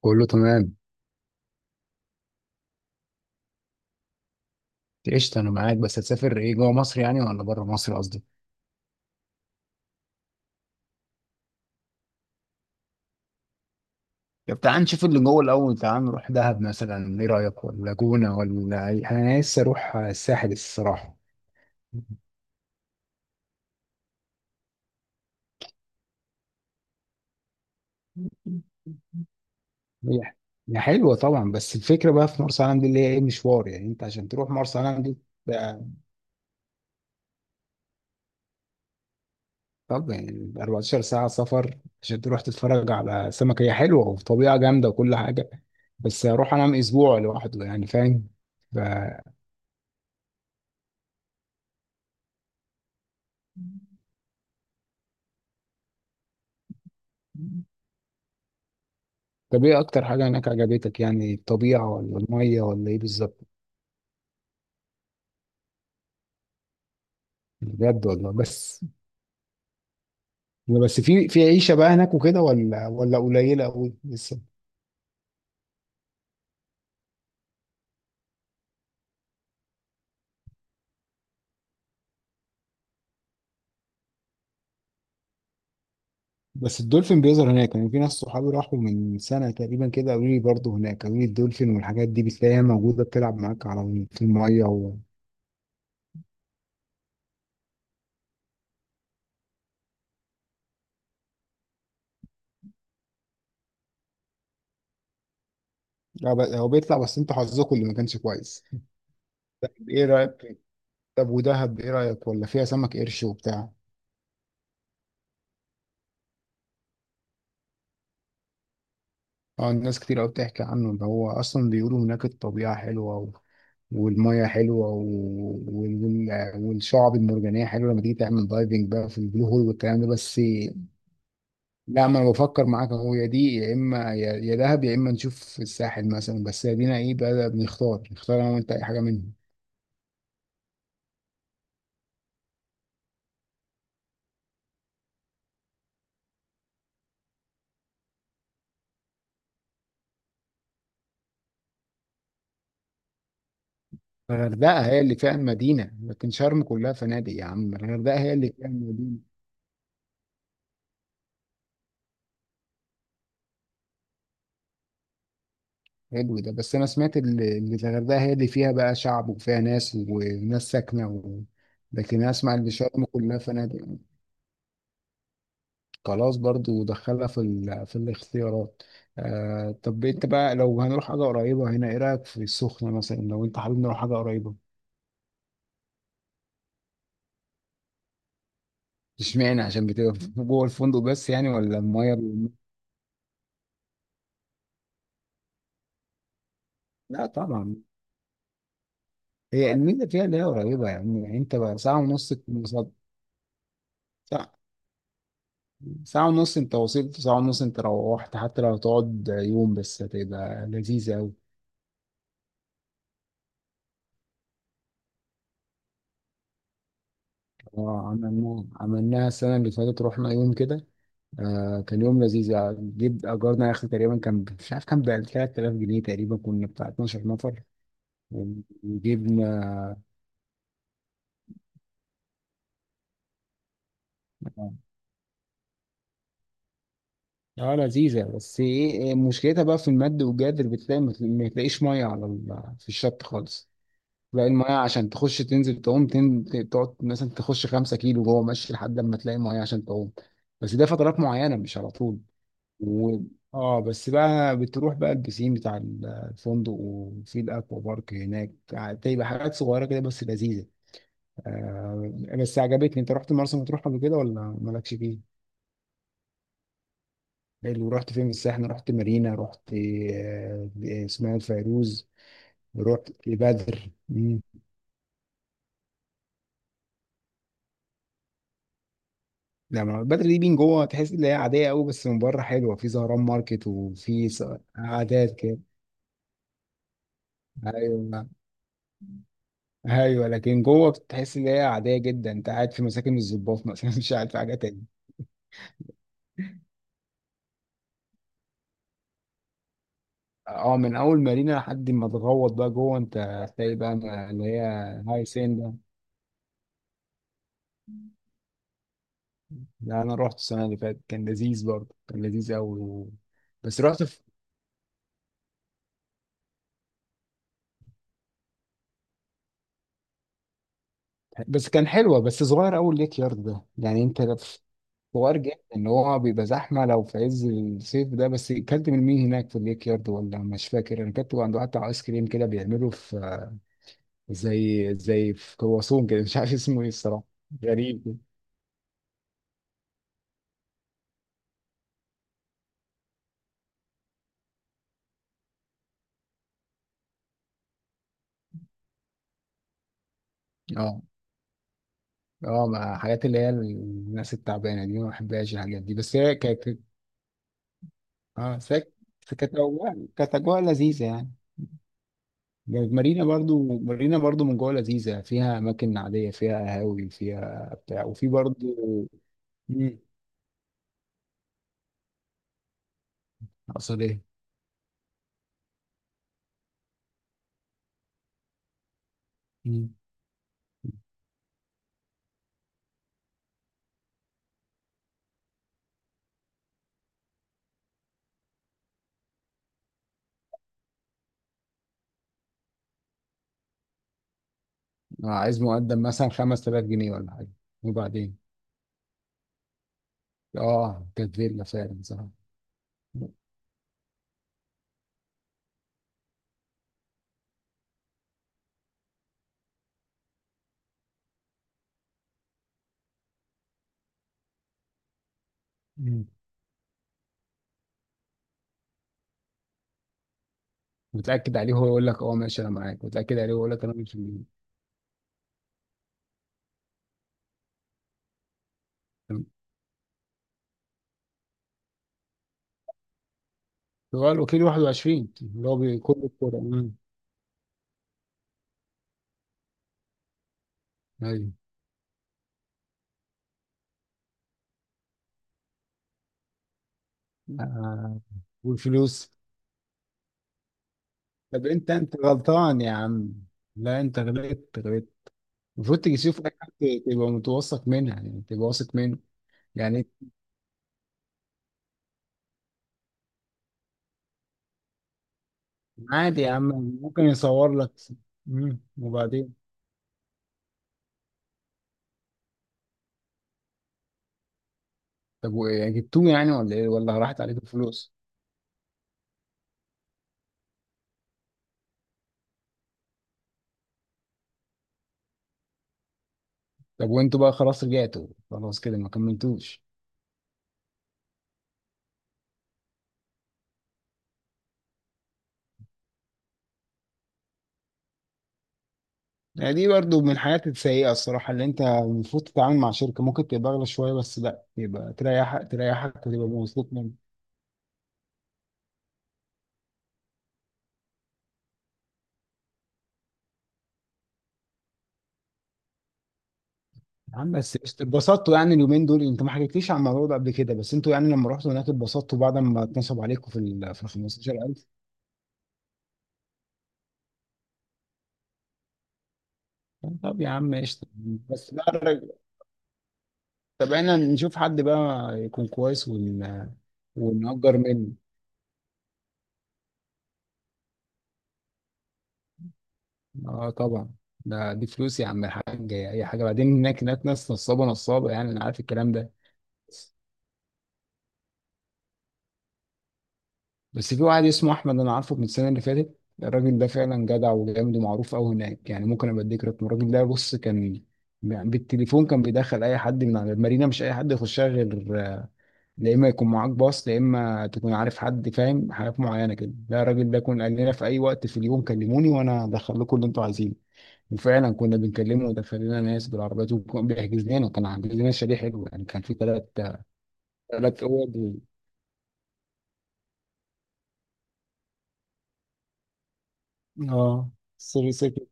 كله تمام. قشطة، أنا معاك، بس هتسافر إيه جوه مصر يعني ولا بره مصر قصدي؟ طب تعال نشوف اللي جوه الأول. تعال نروح دهب مثلا، إيه رأيك؟ ولا جونة ولا أنا لسه أروح الساحل الصراحة. هي هي حلوة طبعا، بس الفكرة بقى في مرسى علم دي اللي هي إيه، مشوار يعني أنت عشان تروح مرسى علم دي. بقى- طب يعني 14 ساعة سفر عشان تروح تتفرج على سمك، هي حلوة وطبيعة جامدة وكل حاجة، بس أروح أنام أسبوع لوحده يعني، فاهم؟ طب ايه اكتر حاجة هناك عجبتك، يعني الطبيعة ولا المية ولا ايه بالظبط؟ بجد والله. بس بس في عيشة بقى هناك وكده ولا ولا قليلة قوي لسه؟ بس الدولفين بيظهر هناك يعني؟ في ناس صحابي راحوا من سنة تقريبا كده، قالوا لي برضه هناك، قالوا لي الدولفين والحاجات دي بتلاقيها موجودة بتلعب معاك على في المية هو. لا، هو بيطلع، بس انتوا حظكم اللي ما كانش كويس. ايه رأيك؟ طب ودهب ايه رأيك؟ ولا فيها سمك قرش وبتاع؟ اه الناس كتير قوي بتحكي عنه ده، هو اصلا بيقولوا هناك الطبيعة حلوة والميه حلوه والشعب المرجانيه حلوه لما تيجي تعمل دايفنج بقى في البلو هول والكلام ده. بس لا، ما انا بفكر معاك اهو، يا دي يا اما يا دهب يا اما نشوف الساحل مثلا، بس ادينا ايه بقى بنختار. نختار انا وانت اي حاجه منهم. الغردقه هي اللي فيها المدينه، لكن شرم كلها فنادق يا عم. الغردقه هي اللي فيها المدينه. حلو ده، بس انا سمعت ان الغردقه هي اللي فيها بقى شعب وفيها ناس وناس ساكنه لكن أنا اسمع ان شرم كلها فنادق. خلاص برضو دخلها في في الاختيارات. آه طب انت بقى لو هنروح حاجة قريبة هنا، ايه رأيك في السخنة مثلا لو انت حابب نروح حاجة قريبة؟ اشمعنى، عشان بتبقى جوه الفندق بس يعني؟ ولا المية لا طبعا. هي الميزة فيها اللي هي قريبة، يعني انت بقى ساعة ونص ساعة. ساعة ونص انت وصلت، ساعة ونص انت روحت، حتى لو هتقعد يوم بس هتبقى لذيذة أوي. عملناها السنة اللي فاتت، رحنا يوم كده. آه كان يوم لذيذ يعني. جيب اجرنا يا اخي، تقريبا كان مش عارف، كان ب 3000 ج تقريبا، كنا بتاع 12 نفر وجبنا. اه لذيذه، بس ايه إيه مشكلتها بقى في المد والجزر، بتلاقي ما تلاقيش ميه على في الشط خالص. تلاقي الميه عشان تخش تنزل تعوم تقعد مثلا تخش 5 كيلو جوه ماشي لحد لما تلاقي ميه عشان تعوم. بس ده فترات معينه، مش على طول. و... اه بس بقى بتروح بقى البسين بتاع الفندق، وفي الاكوا بارك هناك بتبقى حاجات صغيره كده بس لذيذه. آه بس عجبتني. انت رحت مرسى مطروح قبل كده ولا مالكش فيه؟ حلو، رحت فين في الساحل؟ رحت مارينا؟ رحت آه اسماعيل فيروز؟ رحت بدر؟ مم. لا، ما بدر دي بين جوه تحس ان هي عاديه قوي، بس من بره حلوه، في زهران ماركت وفي قعدات كده. ايوه. ايوه لكن جوه بتحس ان هي عاديه جدا، انت قاعد في مساكن الضباط مثلا، مش قاعد في حاجه تاني. اه من اول مارينا لحد ما تغوط بقى جوه، انت هتلاقي بقى اللي هي هاي سين ده. ده انا رحت السنه اللي فاتت، كان لذيذ برضه، كان لذيذ قوي بس رحت بس كان حلوه، بس صغير قوي ليك يارد ده، يعني انت لو صغير جدا ان هو بيبقى زحمه لو في عز الصيف ده. بس اكلت من مين هناك في الليك يارد ولا مش فاكر؟ انا كنت عند واحد بتاع ايس كريم كده بيعمله في زي في كرواسون كده، مش عارف اسمه ايه الصراحه. غريب كده. اه. اه مع حاجات اللي هي الناس التعبانه دي، ما بحبهاش الحاجات دي بس هي كانت. اه كانت اجواء، كانت اجواء لذيذه يعني. مارينا برضو، مارينا برضو من جوه لذيذه، فيها اماكن عاديه، فيها قهاوي، فيها بتاع، وفي برضو. مم. اقصد ايه؟ مم. عايز مقدم مثلا 5000 ج ولا حاجه؟ وبعدين؟ اه كانت فيلا فعلا. صراحه. وتتاكد عليه هو يقول لك اه ماشي انا معاك، وتتاكد عليه ويقول لك انا مش مين. تمام. اللي هو الوكيل 21 اللي هو بكل الكوره. مم. ايوه. آه. والفلوس؟ طب انت انت غلطان يا عم. لا انت غلطت. غلطت المفروض تيجي تشوف اي حد، تبقى متوثق منها يعني، تبقى واثق منه. يعني عادي يا عم، ممكن يصور لك. مم. وبعدين؟ طب وايه، جبتوه يعني ولا ايه ولا راحت عليك الفلوس؟ طب وانتوا بقى خلاص رجعتوا خلاص كده ما كملتوش؟ يعني دي برضو من الحاجات السيئة الصراحة، اللي انت المفروض تتعامل مع شركة ممكن تبقى اغلى شوية، بس لا يبقى تريحك. تريحك وتبقى مبسوط منه. يا عم بس قشطة، اتبسطتوا يعني اليومين دول؟ انت ما حكيتليش عن الموضوع ده قبل كده، بس انتوا يعني لما رحتوا هناك اتبسطتوا بعد ما اتنصب عليكم في ال 15000؟ طب يا عم قشطة. بس بقى الرج- طب احنا نشوف حد بقى يكون كويس ونأجر منه. اه طبعا. ده دي فلوس يا عم الحاج، اي حاجة بعدين. هناك ناس نصابة، نصابة يعني، انا عارف الكلام ده. بس في واحد اسمه احمد انا عارفه من السنه اللي فاتت، الراجل ده فعلا جدع وجامد ومعروف قوي هناك يعني، ممكن ابقى اديك رقم الراجل ده. بص كان يعني بالتليفون كان بيدخل اي حد من على المارينا، مش اي حد يخشها غير لا اما يكون معاك باص، لا اما تكون عارف حد، فاهم؟ حاجات معينه كده. لا الراجل ده كان قال لنا في اي وقت في اليوم كلموني وانا هدخل لكم اللي انتوا عايزينه. وفعلا كنا بنكلمه ودخل لنا ناس بالعربيات، وكان بيحجز لنا، كان عامل لنا شاليه حلو يعني، كان في ثلاث، ثلاث اوض اه سري سكت.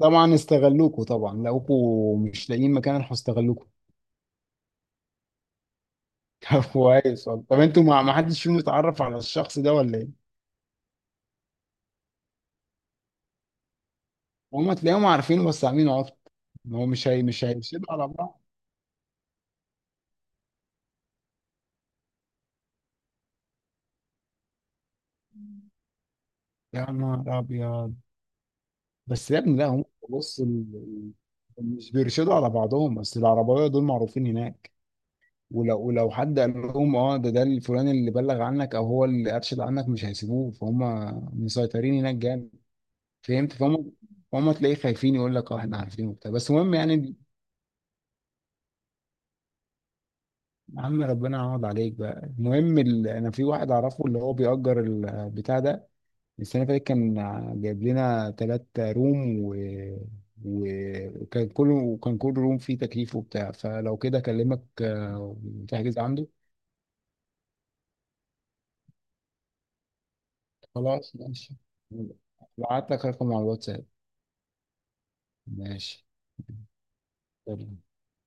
طبعا استغلوكوا، طبعا لقوكوا مش لاقيين مكان راحوا استغلوكوا. طب كويس والله. طب انتوا ما حدش فيهم اتعرف على الشخص ده ولا ايه؟ هم تلاقيهم عارفينه بس عاملين عبط، ان هو مش هي مش هيسيب على بعض. يا نهار ابيض. بس يا ابني لا هم بص مش بيرشدوا على بعضهم، بس العرباويه دول معروفين هناك، ولو ولو حد قال لهم اه ده ده الفلان اللي بلغ عنك او هو اللي ارشد عنك، مش هيسيبوه، فهم مسيطرين هناك جامد. فهمت فهم. فهم تلاقيه خايفين يقول لك اه احنا عارفين وبتاع، بس المهم يعني يا عم ربنا يعوض عليك بقى. المهم انا في واحد اعرفه اللي هو بيأجر البتاع ده، السنه اللي فاتت كان جايب لنا ثلاث روم و... وكان كل روم فيه تكييف وبتاع، فلو كده اكلمك وتحجز عنده. خلاص ماشي. بعت لك رقم على الواتساب. ماشي. سلام.